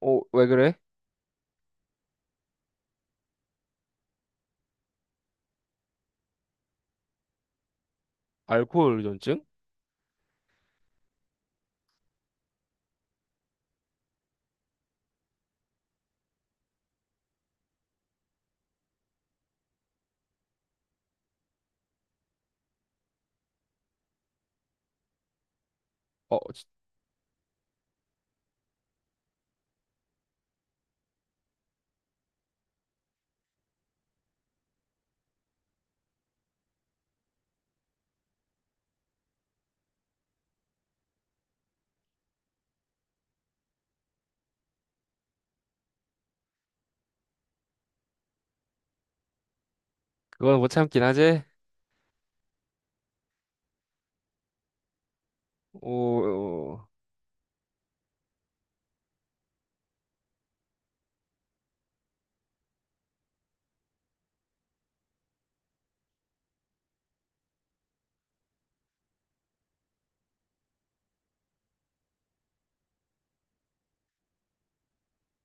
어, 왜 그래? 알코올 의존증? 어, 지- 그건 못 참긴 하지? 오, 어,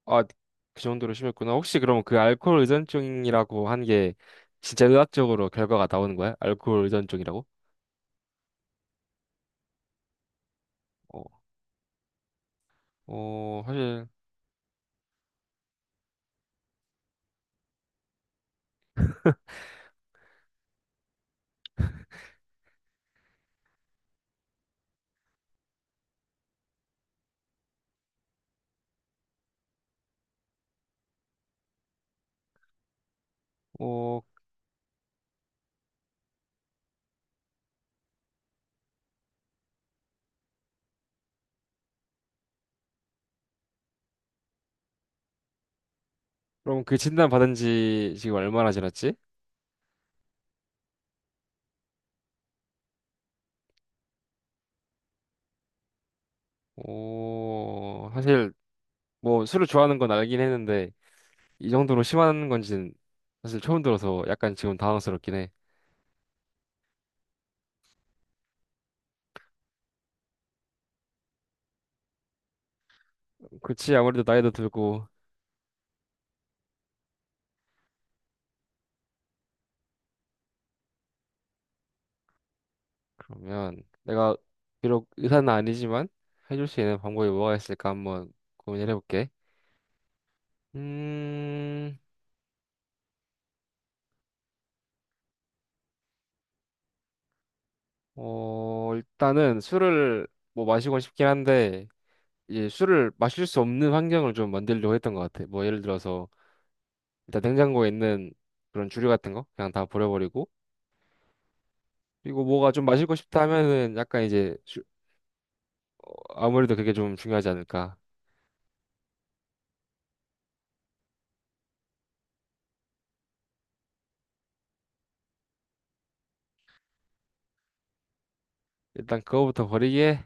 아, 그 정도로 심했구나. 혹시 그럼 그 알코올 의존증이라고 한 게 진짜 의학적으로 결과가 나오는 거야? 알코올 의존증이라고? 어, 어, 사실, 어, 그럼 그 진단 받은 지 지금 얼마나 지났지? 어, 사실, 뭐, 술을 좋아하는 건 알긴 했는데, 이 정도로 심한 건지는 사실 처음 들어서 약간 지금 당황스럽긴 해. 그치, 아무래도 나이도 들고, 그러면 내가 비록 의사는 아니지만 해줄 수 있는 방법이 뭐가 있을까 한번 고민을 해볼게. 음, 어, 일단은 술을 뭐 마시고 싶긴 한데 이제 술을 마실 수 없는 환경을 좀 만들려고 했던 것 같아. 뭐 예를 들어서 일단 냉장고에 있는 그런 주류 같은 거 그냥 다 버려버리고 그리고 뭐가 좀 마시고 싶다 하면은 아무래도 그게 좀 중요하지 않을까. 일단 그거부터 버리기에.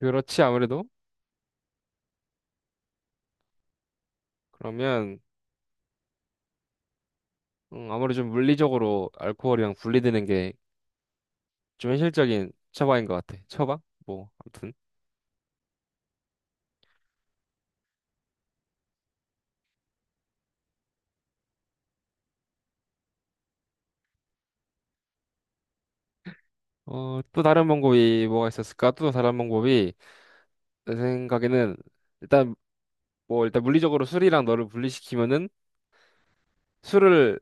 그렇지 아무래도. 그러면 아무리 좀 물리적으로 알코올이랑 분리되는 게 좀 현실적인 처방인 것 같아. 처방? 뭐, 아무튼. 어, 또 다른 방법이 뭐가 있었을까? 또 다른 방법이, 내 생각에는, 일단, 뭐, 일단 물리적으로 술이랑 너를 분리시키면은 술을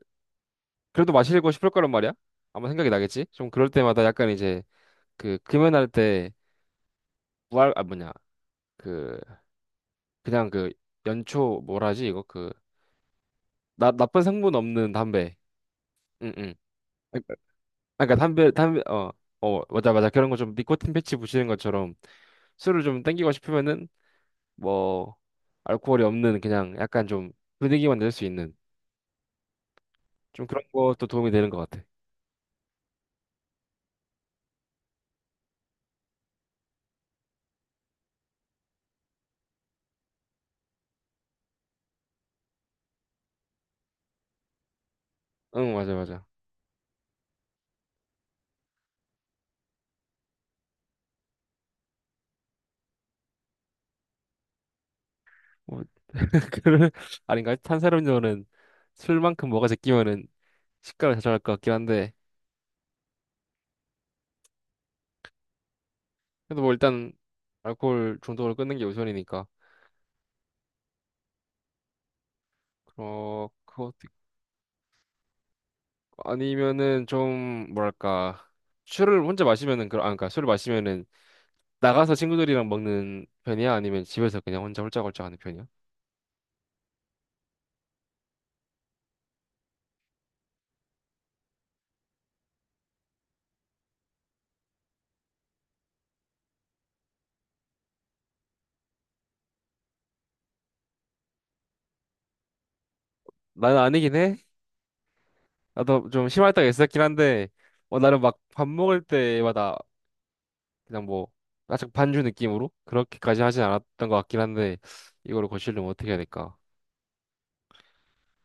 그래도 마시고 싶을 거란 말이야? 아마 생각이 나겠지? 좀 그럴 때마다 약간 이제, 그, 금연할 때, 무알, 아, 뭐냐, 그, 그냥 그, 연초, 뭐라 하지, 나쁜 성분 없는 담배. 응, 응. 아, 그러니까 담배 어, 어 맞아 맞아 그런 거 좀 니코틴 패치 붙이는 것처럼 술을 좀 땡기고 싶으면은 뭐 알코올이 없는 그냥 약간 좀 분위기만 낼 수 있는 좀 그런 것도 도움이 되는 것 같아. 응 맞아 맞아. 뭐 그런. 아닌가? 탄산음료는 술만큼 뭐가 제끼면은 식감을 좌절할 것 같긴 한데 그래도 뭐 일단 알코올 중독을 끊는 게 우선이니까 어 그거 아니면은 좀 뭐랄까 술을 혼자 마시면은 그아 그러니까 술을 마시면은 나가서 친구들이랑 먹는 편이야? 아니면 집에서 그냥 혼자 홀짝홀짝 하는 편이야? 나는 아니긴 해. 나도 좀 심할 때가 있었긴 한데, 어, 나는 막 밥 먹을 때마다 그냥 뭐, 아짝 반주 느낌으로? 그렇게까지 하진 않았던 것 같긴 한데, 이거를 고치려면 어떻게 해야 될까?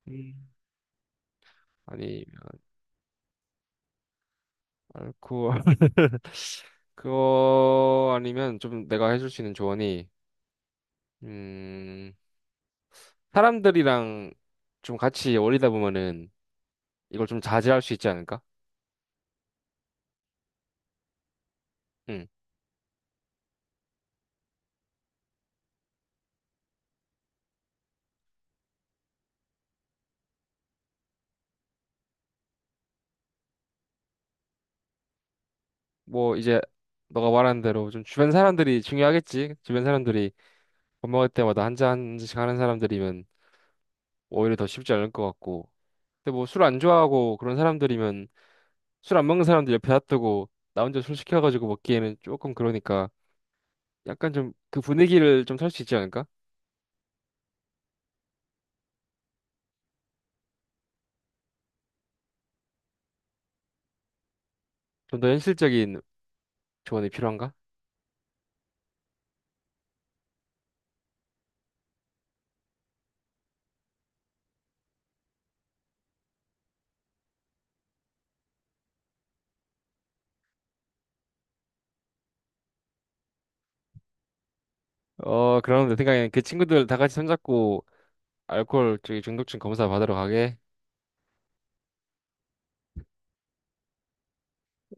음. 아니면, 알코올, 그거 아니면 좀 내가 해줄 수 있는 조언이, 음, 사람들이랑 좀 같이 어울리다 보면은 이걸 좀 자제할 수 있지 않을까? 응. 뭐 이제 너가 말한 대로 좀 주변 사람들이 중요하겠지. 주변 사람들이 밥 먹을 때마다 한 잔 한 잔씩 하는 사람들이면 오히려 더 쉽지 않을 것 같고. 근데 뭐 술 안 좋아하고 그런 사람들이면 술 안 먹는 사람들 옆에 놔두고 나 혼자 술 시켜가지고 먹기에는 조금 그러니까 약간 좀 그 분위기를 좀 살 수 있지 않을까? 좀 더 현실적인 조언이 필요한가? 어, 그럼 내 생각엔 그 친구들 다 같이 손잡고 알코올 저기 중독증 검사 받으러 가게.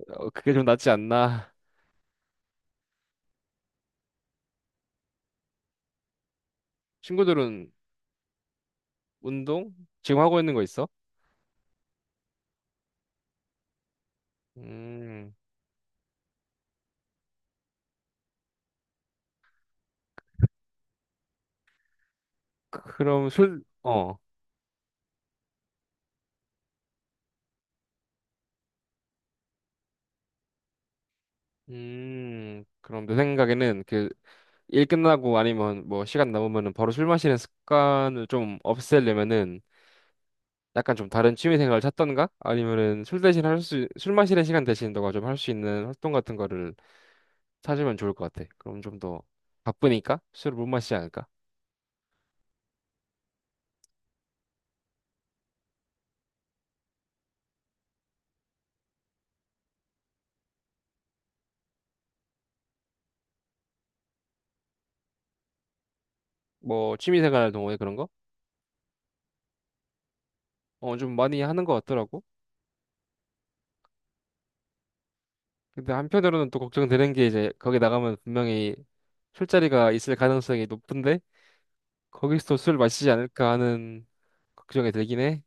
어, 그게 좀 낫지 않나? 친구들은. 운동 지금 하고 있는 거 있어? 음, 그럼 술, 어, 그럼 내 생각에는 그 일 끝나고 아니면 뭐 시간 남으면은 바로 술 마시는 습관을 좀 없애려면은 약간 좀 다른 취미 생활을 찾던가 아니면은 술 마시는 시간 대신 너가 좀 할 수 있는 활동 같은 거를 찾으면 좋을 것 같아. 그럼 좀 더 바쁘니까 술을 못 마시지 않을까? 뭐 취미 생활 동호회 그런 거? 어, 좀 많이 하는 것 같더라고. 근데 한편으로는 또 걱정되는 게 이제 거기 나가면 분명히 술자리가 있을 가능성이 높은데 거기서 술 마시지 않을까 하는 걱정이 들긴 해.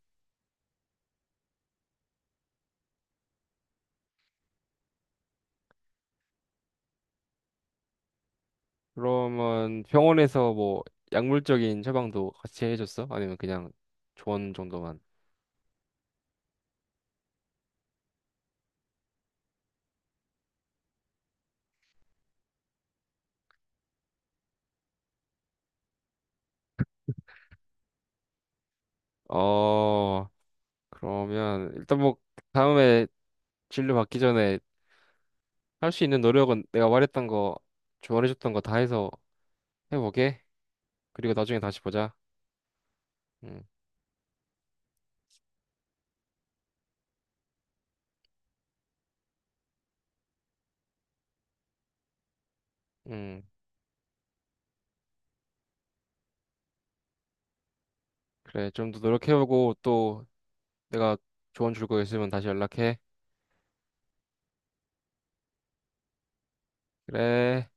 그러면 병원에서 뭐 약물적인 처방도 같이 해줬어? 아니면 그냥 조언 정도만? 어, 그러면 일단 뭐 다음에 진료 받기 전에 할 수 있는 노력은 내가 말했던 거, 조언해줬던 거 다 해서 해보게. 그리고 나중에 다시 보자. 응, 응. 그래, 좀 더 노력해보고 또 내가 조언 줄 거 있으면 다시 연락해. 그래.